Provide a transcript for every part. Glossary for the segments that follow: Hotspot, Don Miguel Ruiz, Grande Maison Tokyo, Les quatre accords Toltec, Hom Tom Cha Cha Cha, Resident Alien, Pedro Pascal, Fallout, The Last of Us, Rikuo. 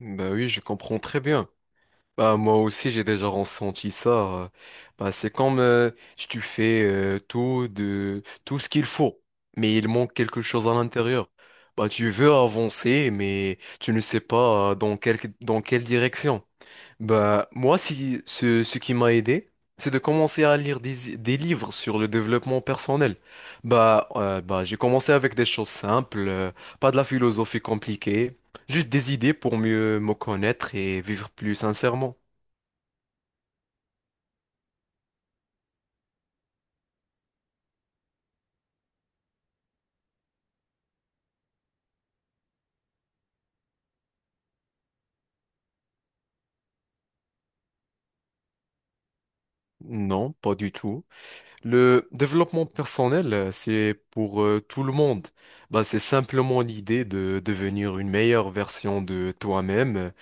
Bah oui, je comprends très bien. Bah moi aussi j'ai déjà ressenti ça. Bah c'est comme si tu fais tout ce qu'il faut, mais il manque quelque chose à l'intérieur. Bah tu veux avancer, mais tu ne sais pas dans quelle direction. Bah, moi, si, ce qui m'a aidé, c'est de commencer à lire des livres sur le développement personnel. Bah, j'ai commencé avec des choses simples, pas de la philosophie compliquée, juste des idées pour mieux me connaître et vivre plus sincèrement. Non, pas du tout. Le développement personnel, c'est pour tout le monde. Bah, c'est simplement l'idée de devenir une meilleure version de toi-même.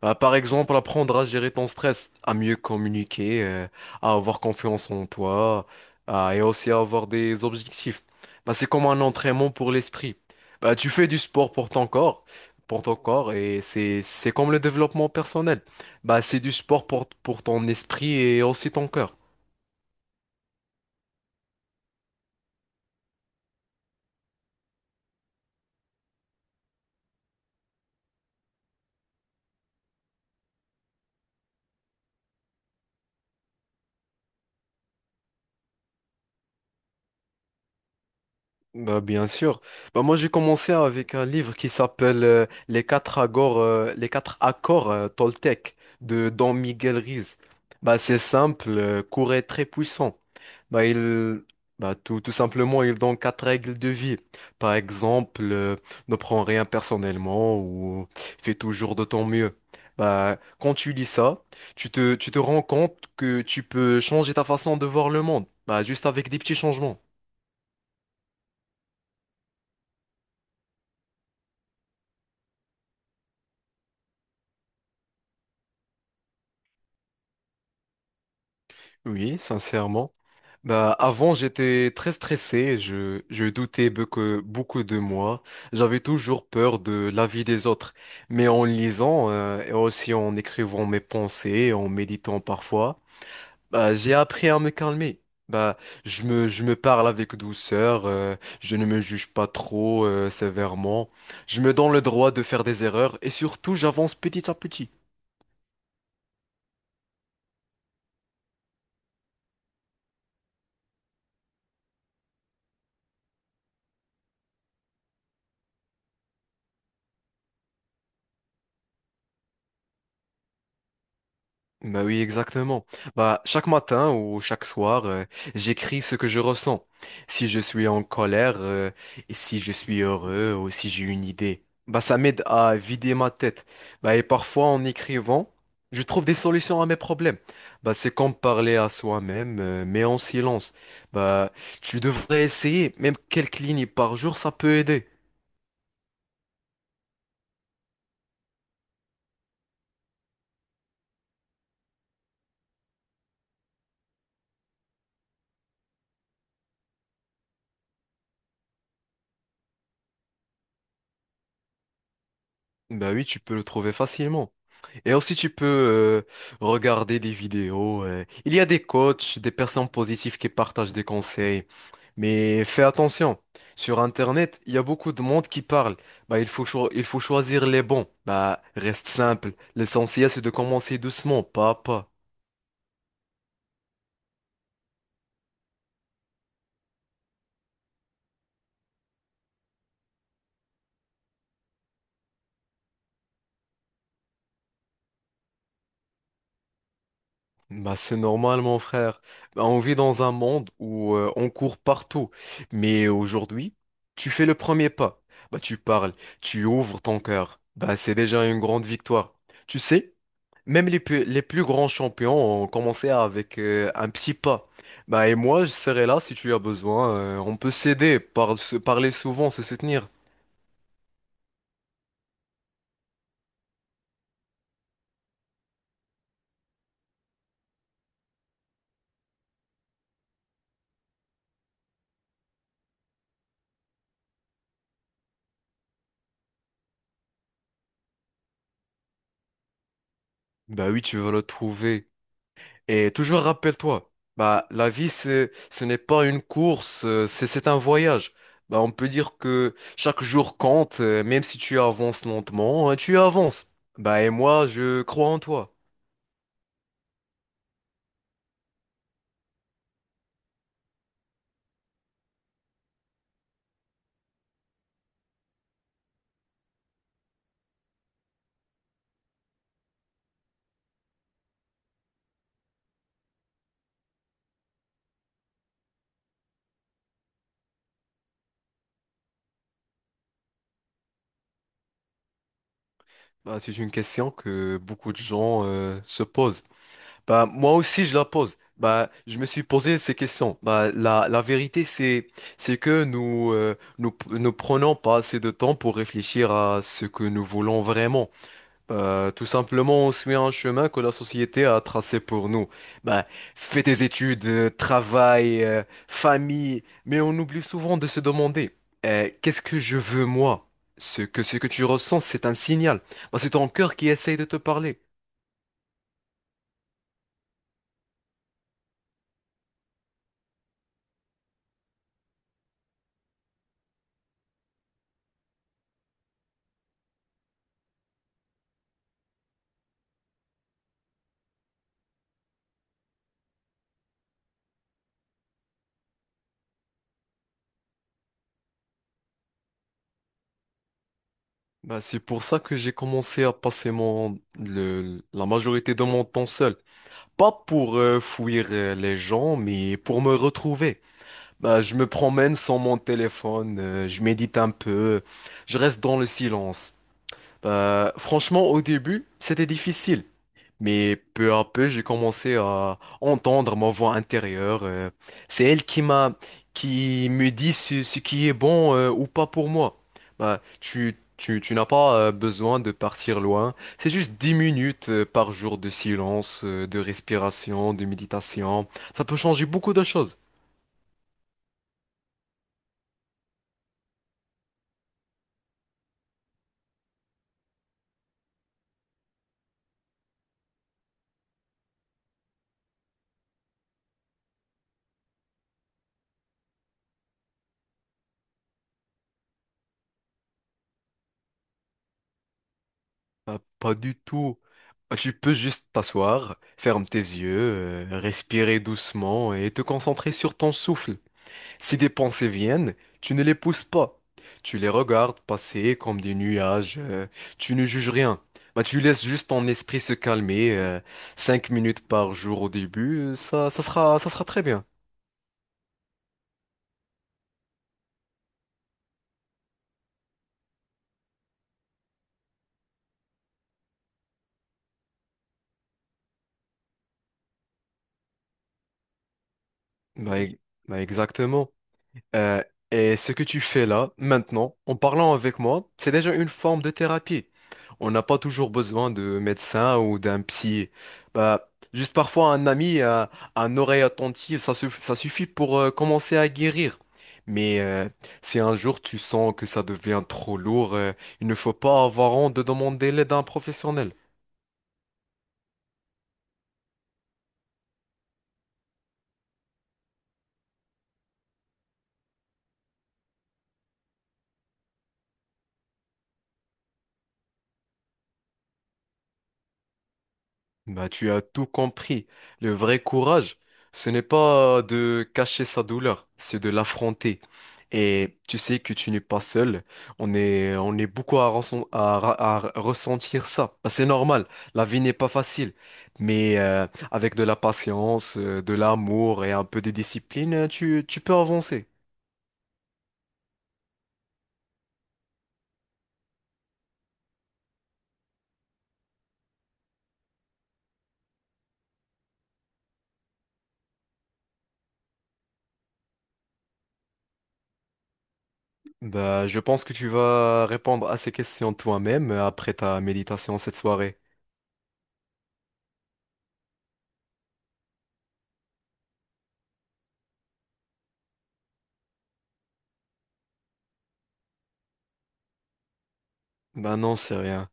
Bah, par exemple, apprendre à gérer ton stress, à mieux communiquer, à avoir confiance en toi, et aussi à avoir des objectifs. Bah, c'est comme un entraînement pour l'esprit. Bah, tu fais du sport pour ton corps, et c'est comme le développement personnel. Bah, c'est du sport pour ton esprit et aussi ton cœur. Bah, bien sûr. Bah, moi, j'ai commencé avec un livre qui s'appelle Les quatre accords, Toltec de Don Miguel Ruiz. Bah, c'est simple, court et très puissant. Bah, il, bah, tout, tout simplement, il donne quatre règles de vie. Par exemple, ne prends rien personnellement ou fais toujours de ton mieux. Bah, quand tu lis ça, tu te rends compte que tu peux changer ta façon de voir le monde. Bah, juste avec des petits changements. Oui, sincèrement. Bah, avant, j'étais très stressé, je doutais beaucoup, beaucoup de moi, j'avais toujours peur de l'avis des autres. Mais en lisant, et aussi en écrivant mes pensées, en méditant parfois, bah, j'ai appris à me calmer. Bah, je me parle avec douceur, je ne me juge pas trop, sévèrement, je me donne le droit de faire des erreurs et surtout j'avance petit à petit. Bah oui, exactement. Bah, chaque matin ou chaque soir, j'écris ce que je ressens. Si je suis en colère, et si je suis heureux ou si j'ai une idée. Bah, ça m'aide à vider ma tête. Bah, et parfois, en écrivant, je trouve des solutions à mes problèmes. Bah, c'est comme parler à soi-même, mais en silence. Bah, tu devrais essayer. Même quelques lignes par jour, ça peut aider. Bah oui, tu peux le trouver facilement. Et aussi, tu peux regarder des vidéos. Il y a des coachs, des personnes positives qui partagent des conseils. Mais fais attention. Sur Internet, il y a beaucoup de monde qui parle. Bah, il faut choisir les bons. Bah, reste simple. L'essentiel, c'est de commencer doucement, pas à pas. Bah, c'est normal, mon frère. Bah, on vit dans un monde où on court partout. Mais aujourd'hui, tu fais le premier pas. Bah, tu parles, tu ouvres ton cœur. Bah, c'est déjà une grande victoire. Tu sais? Même les plus grands champions ont commencé avec un petit pas. Bah, et moi, je serai là si tu as besoin. On peut s'aider, se parler souvent, se soutenir. Bah oui, tu vas le trouver. Et toujours rappelle-toi, bah la vie, ce n'est pas une course, euh, c'est un voyage. Bah, on peut dire que chaque jour compte, même si tu avances lentement, tu avances. Bah, et moi, je crois en toi. Bah, c'est une question que beaucoup de gens se posent. Bah, moi aussi, je la pose. Bah, je me suis posé ces questions. Bah, la vérité, c'est que nous ne prenons pas assez de temps pour réfléchir à ce que nous voulons vraiment. Bah, tout simplement, on suit un chemin que la société a tracé pour nous. Bah, fais des études, travail, famille, mais on oublie souvent de se demander, qu'est-ce que je veux moi? Ce que tu ressens, c'est un signal. Bah, c'est ton cœur qui essaye de te parler. Bah, c'est pour ça que j'ai commencé à passer la majorité de mon temps seul. Pas pour fuir les gens, mais pour me retrouver. Bah, je me promène sans mon téléphone, je médite un peu, je reste dans le silence. Bah, franchement, au début, c'était difficile. Mais peu à peu, j'ai commencé à entendre ma voix intérieure. C'est elle qui me dit ce qui est bon ou pas pour moi. Bah, tu n'as pas besoin de partir loin. C'est juste 10 minutes par jour de silence, de respiration, de méditation. Ça peut changer beaucoup de choses. Bah, pas du tout. Bah, tu peux juste t'asseoir, ferme tes yeux, respirer doucement et te concentrer sur ton souffle. Si des pensées viennent, tu ne les pousses pas. Tu les regardes passer comme des nuages. Tu ne juges rien. Bah, tu laisses juste ton esprit se calmer. 5 minutes par jour au début, euh, ça sera très bien. Bah, e- Bah, exactement. Euh, et ce que tu fais là, maintenant, en parlant avec moi, c'est déjà une forme de thérapie. On n'a pas toujours besoin de médecin ou d'un psy. Bah, juste parfois un ami, un oreille attentive, ça suffit pour commencer à guérir. Mais si un jour tu sens que ça devient trop lourd, il ne faut pas avoir honte de demander l'aide à un professionnel. Bah, tu as tout compris. Le vrai courage, ce n'est pas de cacher sa douleur, c'est de l'affronter. Et tu sais que tu n'es pas seul. On est beaucoup à, à ressentir ça. Bah, c'est normal. La vie n'est pas facile. Mais avec de la patience, de l'amour et un peu de discipline, euh, tu peux avancer. Bah, je pense que tu vas répondre à ces questions toi-même après ta méditation cette soirée. Bah non, c'est rien.